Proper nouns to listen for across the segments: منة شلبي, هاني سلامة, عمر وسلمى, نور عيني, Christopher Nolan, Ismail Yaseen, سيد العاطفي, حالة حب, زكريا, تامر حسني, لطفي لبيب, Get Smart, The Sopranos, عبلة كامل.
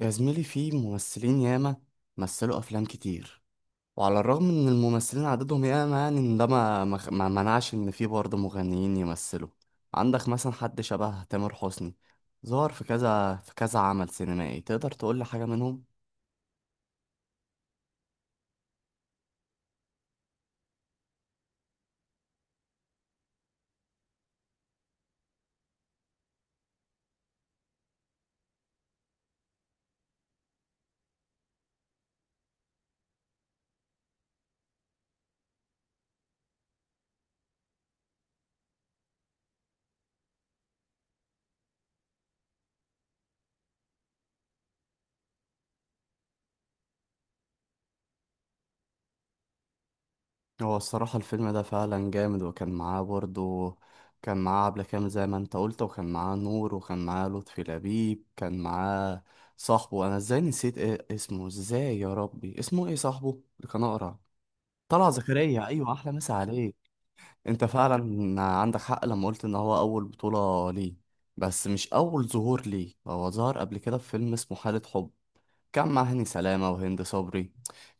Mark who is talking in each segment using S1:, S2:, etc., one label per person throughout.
S1: يا زميلي، في ممثلين ياما مثلوا أفلام كتير. وعلى الرغم إن الممثلين عددهم ياما، يعني إن ده ما منعش إن في برضه مغنيين يمثلوا. عندك مثلا حد شبه تامر حسني، ظهر في كذا في كذا عمل سينمائي، تقدر تقول لي حاجة منهم؟ هو الصراحة الفيلم ده فعلا جامد، وكان معاه برضه كان معاه عبلة كامل زي ما انت قلت، وكان معاه نور، وكان معاه لطفي لبيب، كان معاه صاحبه. انا ازاي نسيت، ايه اسمه ازاي يا ربي، اسمه ايه صاحبه اللي كان اقرع؟ طلع زكريا، ايوه، احلى مسا عليك. انت فعلا عندك حق لما قلت ان هو اول بطولة ليه، بس مش اول ظهور ليه. هو ظهر قبل كده في فيلم اسمه حالة حب، كان مع هاني سلامة وهند صبري.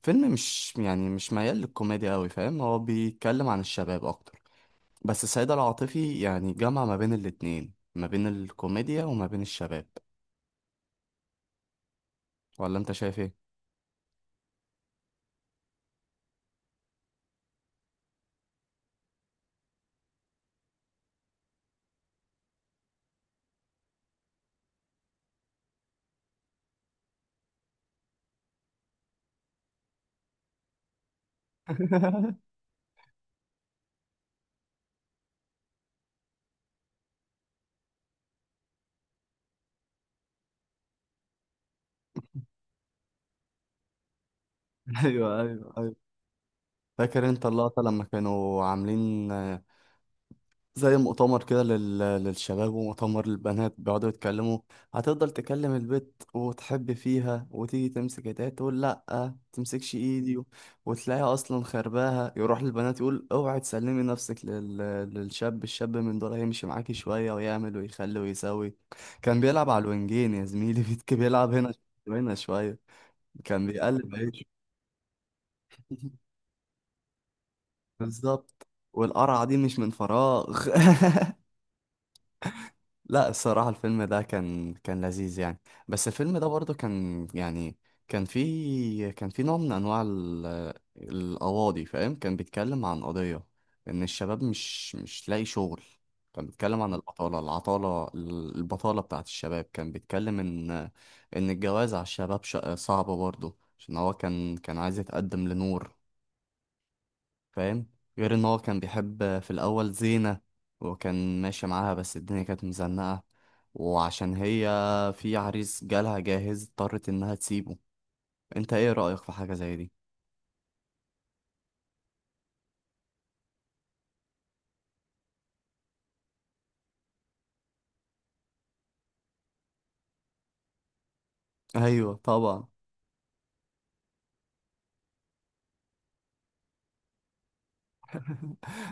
S1: فيلم مش ميال للكوميديا قوي، فاهم، هو بيتكلم عن الشباب اكتر. بس سيد العاطفي يعني جمع ما بين الاتنين، ما بين الكوميديا وما بين الشباب. ولا انت شايف ايه؟ ايوه، ايوه، ايوه. فاكر انت اللقطة لما كانوا عاملين زي مؤتمر كده للشباب ومؤتمر للبنات، بيقعدوا يتكلموا. هتفضل تكلم البت وتحب فيها، وتيجي تمسك ايديها تقول لا تمسكش ايدي وتلاقيها اصلا خرباها. يروح للبنات يقول اوعي تسلمي نفسك للشاب، الشاب من دول هيمشي معاكي شوية ويعمل ويخلي ويسوي. كان بيلعب على الوينجين يا زميلي، بيلعب هنا هنا شوية. كان بيقلب عيشه، بالظبط، والقرعة دي مش من فراغ. لا الصراحة الفيلم ده كان لذيذ يعني. بس الفيلم ده برضه كان يعني كان في نوع من أنواع القواضي، فاهم، كان بيتكلم عن قضية إن الشباب مش لاقي شغل. كان بيتكلم عن البطالة، العطالة، البطالة بتاعت الشباب. كان بيتكلم إن الجواز على الشباب صعب برضه، عشان هو كان عايز يتقدم لنور، فاهم. غير ان هو كان بيحب في الاول زينة، وكان ماشي معاها، بس الدنيا كانت مزنقة، وعشان هي في عريس جالها جاهز اضطرت انها تسيبه. انت ايه رأيك في حاجة زي دي؟ ايوه طبعا.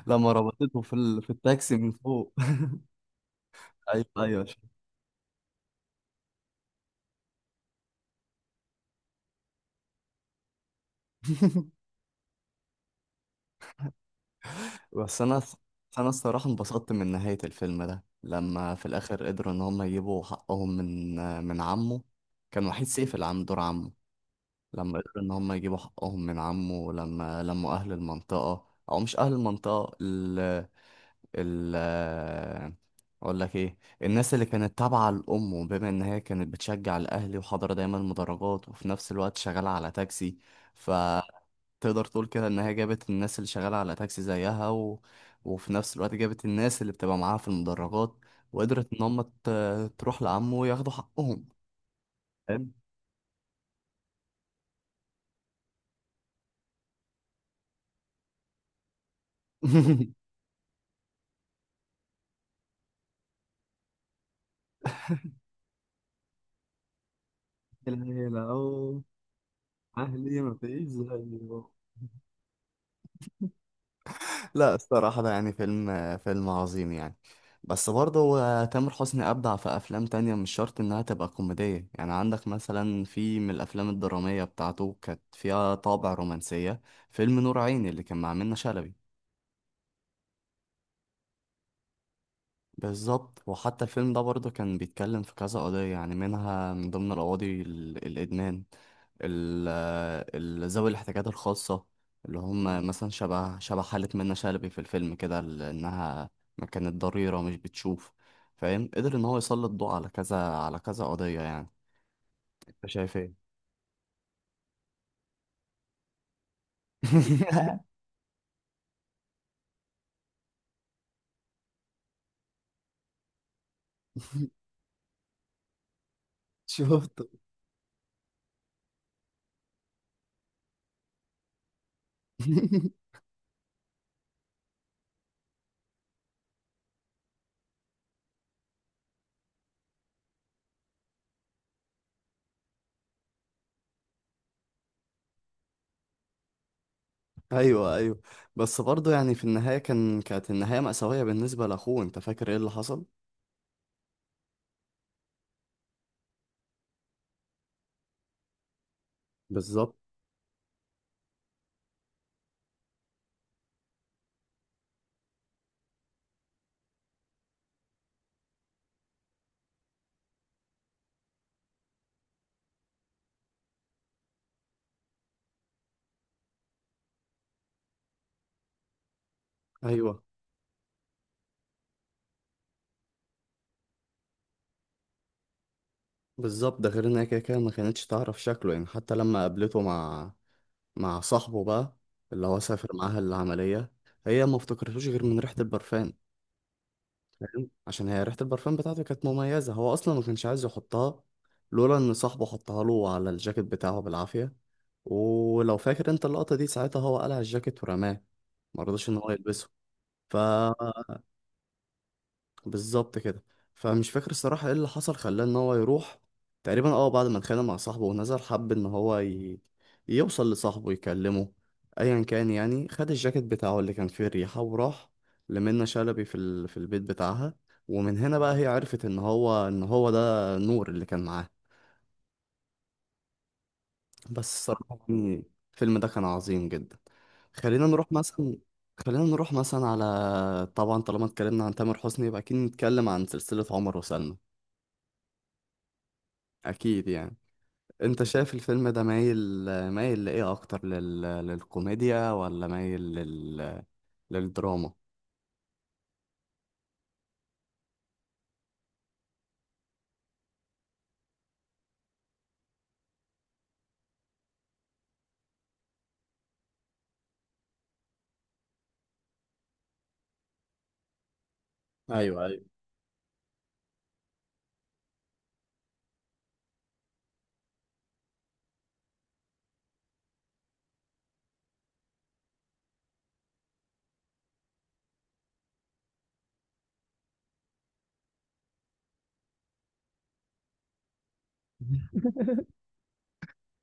S1: لما ربطته في في التاكسي من فوق، ايوه ايوه. بس انا بس انا الصراحة انبسطت من نهاية الفيلم ده، لما في الاخر قدروا ان هم يجيبوا حقهم من من عمه. كان وحيد سيف اللي عامل دور عمه. لما قدروا ان هم يجيبوا حقهم من عمه، لما لموا اهل المنطقة، او مش اهل المنطقة، ال ال اقول لك ايه، الناس اللي كانت تابعة لامه، بما ان هي كانت بتشجع الاهلي وحاضرة دايما مدرجات، وفي نفس الوقت شغالة على تاكسي. فتقدر تقول كده ان هي جابت الناس اللي شغالة على تاكسي زيها وفي نفس الوقت جابت الناس اللي بتبقى معاها في المدرجات، وقدرت ان هم تروح لعمه وياخدوا حقهم، فاهم؟ العيلة أو أهلي ما فيش زيه. لا الصراحة ده يعني فيلم عظيم يعني. بس برضه هو تامر حسني أبدع في أفلام تانية، مش شرط إنها تبقى كوميدية يعني. عندك مثلا في من الأفلام الدرامية بتاعته كانت فيها طابع رومانسية، فيلم نور عيني اللي كان مع منة شلبي. بالظبط، وحتى الفيلم ده برضه كان بيتكلم في كذا قضية، يعني منها من ضمن القواضي الإدمان، ال- ذوي الاحتياجات الخاصة، اللي هم مثلا شبه حالة منة شلبي في الفيلم كده، لأنها ما كانت ضريرة ومش بتشوف، فاهم. قدر إن هو يسلط ضوء على كذا على كذا قضية يعني. أنت شايف إيه؟ شفته. ايوه ايوه. بس برضه يعني في النهايه كانت النهايه مأساويه بالنسبه لاخوه. انت فاكر ايه اللي حصل؟ بالظبط. ايوه بالظبط، ده غير انها كده كده ما كانتش تعرف شكله يعني. حتى لما قابلته مع مع صاحبه بقى، اللي هو سافر معاها العملية، هي ما افتكرتوش غير من ريحة البرفان، فاهم، عشان هي ريحة البرفان بتاعته كانت مميزة. هو اصلا ما كانش عايز يحطها، لولا ان صاحبه حطها له على الجاكيت بتاعه بالعافية. ولو فاكر انت اللقطة دي ساعتها، هو قلع الجاكيت ورماه، ما رضاش ان هو يلبسه. ف بالظبط كده. فمش فاكر الصراحة ايه اللي حصل خلاه ان هو يروح. تقريبا اه بعد ما اتخانق مع صاحبه ونزل، حب ان هو يوصل لصاحبه يكلمه، ايا كان يعني. خد الجاكيت بتاعه اللي كان فيه الريحة وراح لمنى شلبي في في البيت بتاعها. ومن هنا بقى هي عرفت ان هو ده نور اللي كان معاه. بس الصراحة يعني الفيلم ده كان عظيم جدا. خلينا نروح مثلا، خلينا نروح مثلا على طبعا طالما اتكلمنا عن تامر حسني يبقى اكيد نتكلم عن سلسلة عمر وسلمى. اكيد يعني. انت شايف الفيلم ده مايل لايه اكتر، للكوميديا، ولا مايل للدراما؟ ايوه ايوه.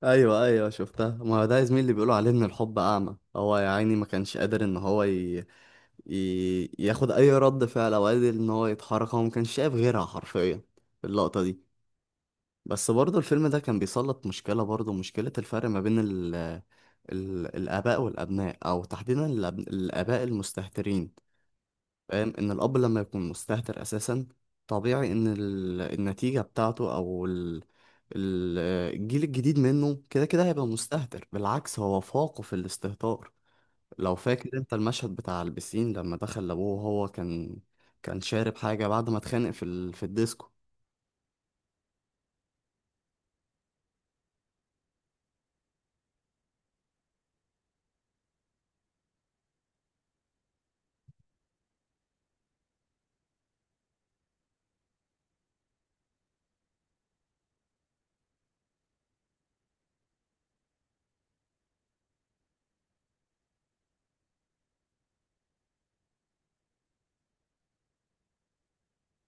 S1: ايوه ايوه، شفتها. ما هو ده يا زميلي اللي بيقولوا عليه ان الحب اعمى. هو يا عيني ما كانش قادر ان هو ياخد اي رد فعل، او قادر ان هو يتحرك. هو ما كانش شايف غيرها حرفيا في اللقطه دي. بس برضه الفيلم ده كان بيسلط مشكله الفرق ما بين الاباء والابناء، او تحديدا الاباء المستهترين، فاهم. ان الاب لما يكون مستهتر اساسا، طبيعي ان النتيجه بتاعته، او ال- الجيل الجديد منه، كده كده هيبقى مستهتر، بالعكس هو فاقه في الاستهتار. لو فاكر انت المشهد بتاع البسين لما دخل لابوه وهو كان شارب حاجه بعد ما اتخانق في في الديسكو.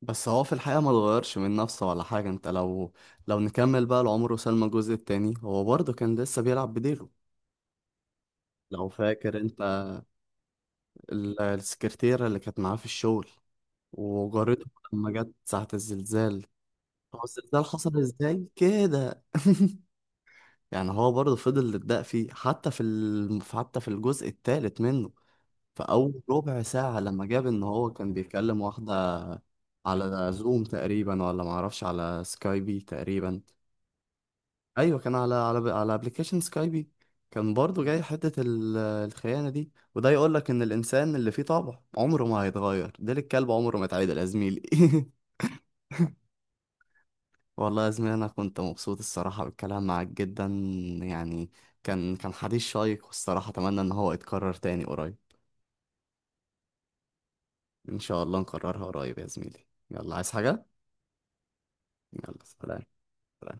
S1: بس هو في الحقيقه ما اتغيرش من نفسه ولا حاجه. انت لو لو نكمل بقى لعمر وسلمى الجزء التاني، هو برضه كان لسه بيلعب بديله. لو فاكر انت السكرتيرة اللي كانت معاه في الشغل وجارته، لما جت ساعة الزلزال. هو الزلزال حصل ازاي كده؟ يعني هو برضه فضل يتدق فيه حتى في حتى في الجزء الثالث منه، في أول ربع ساعة لما جاب إن هو كان بيكلم واحدة على زوم تقريبا، ولا معرفش على سكايبي تقريبا. أيوة كان على على أبلكيشن سكايبي. كان برضه جاي حتة الخيانة دي. وده يقولك إن الإنسان اللي فيه طبع عمره ما هيتغير، ديل الكلب عمره ما اتعدل يا زميلي. والله يا زميلي انا كنت مبسوط الصراحه بالكلام معاك جدا يعني. كان حديث شيق، والصراحه اتمنى ان هو يتكرر تاني قريب. ان شاء الله نكررها قريب يا زميلي. يلا، عايز حاجه؟ يلا سلام.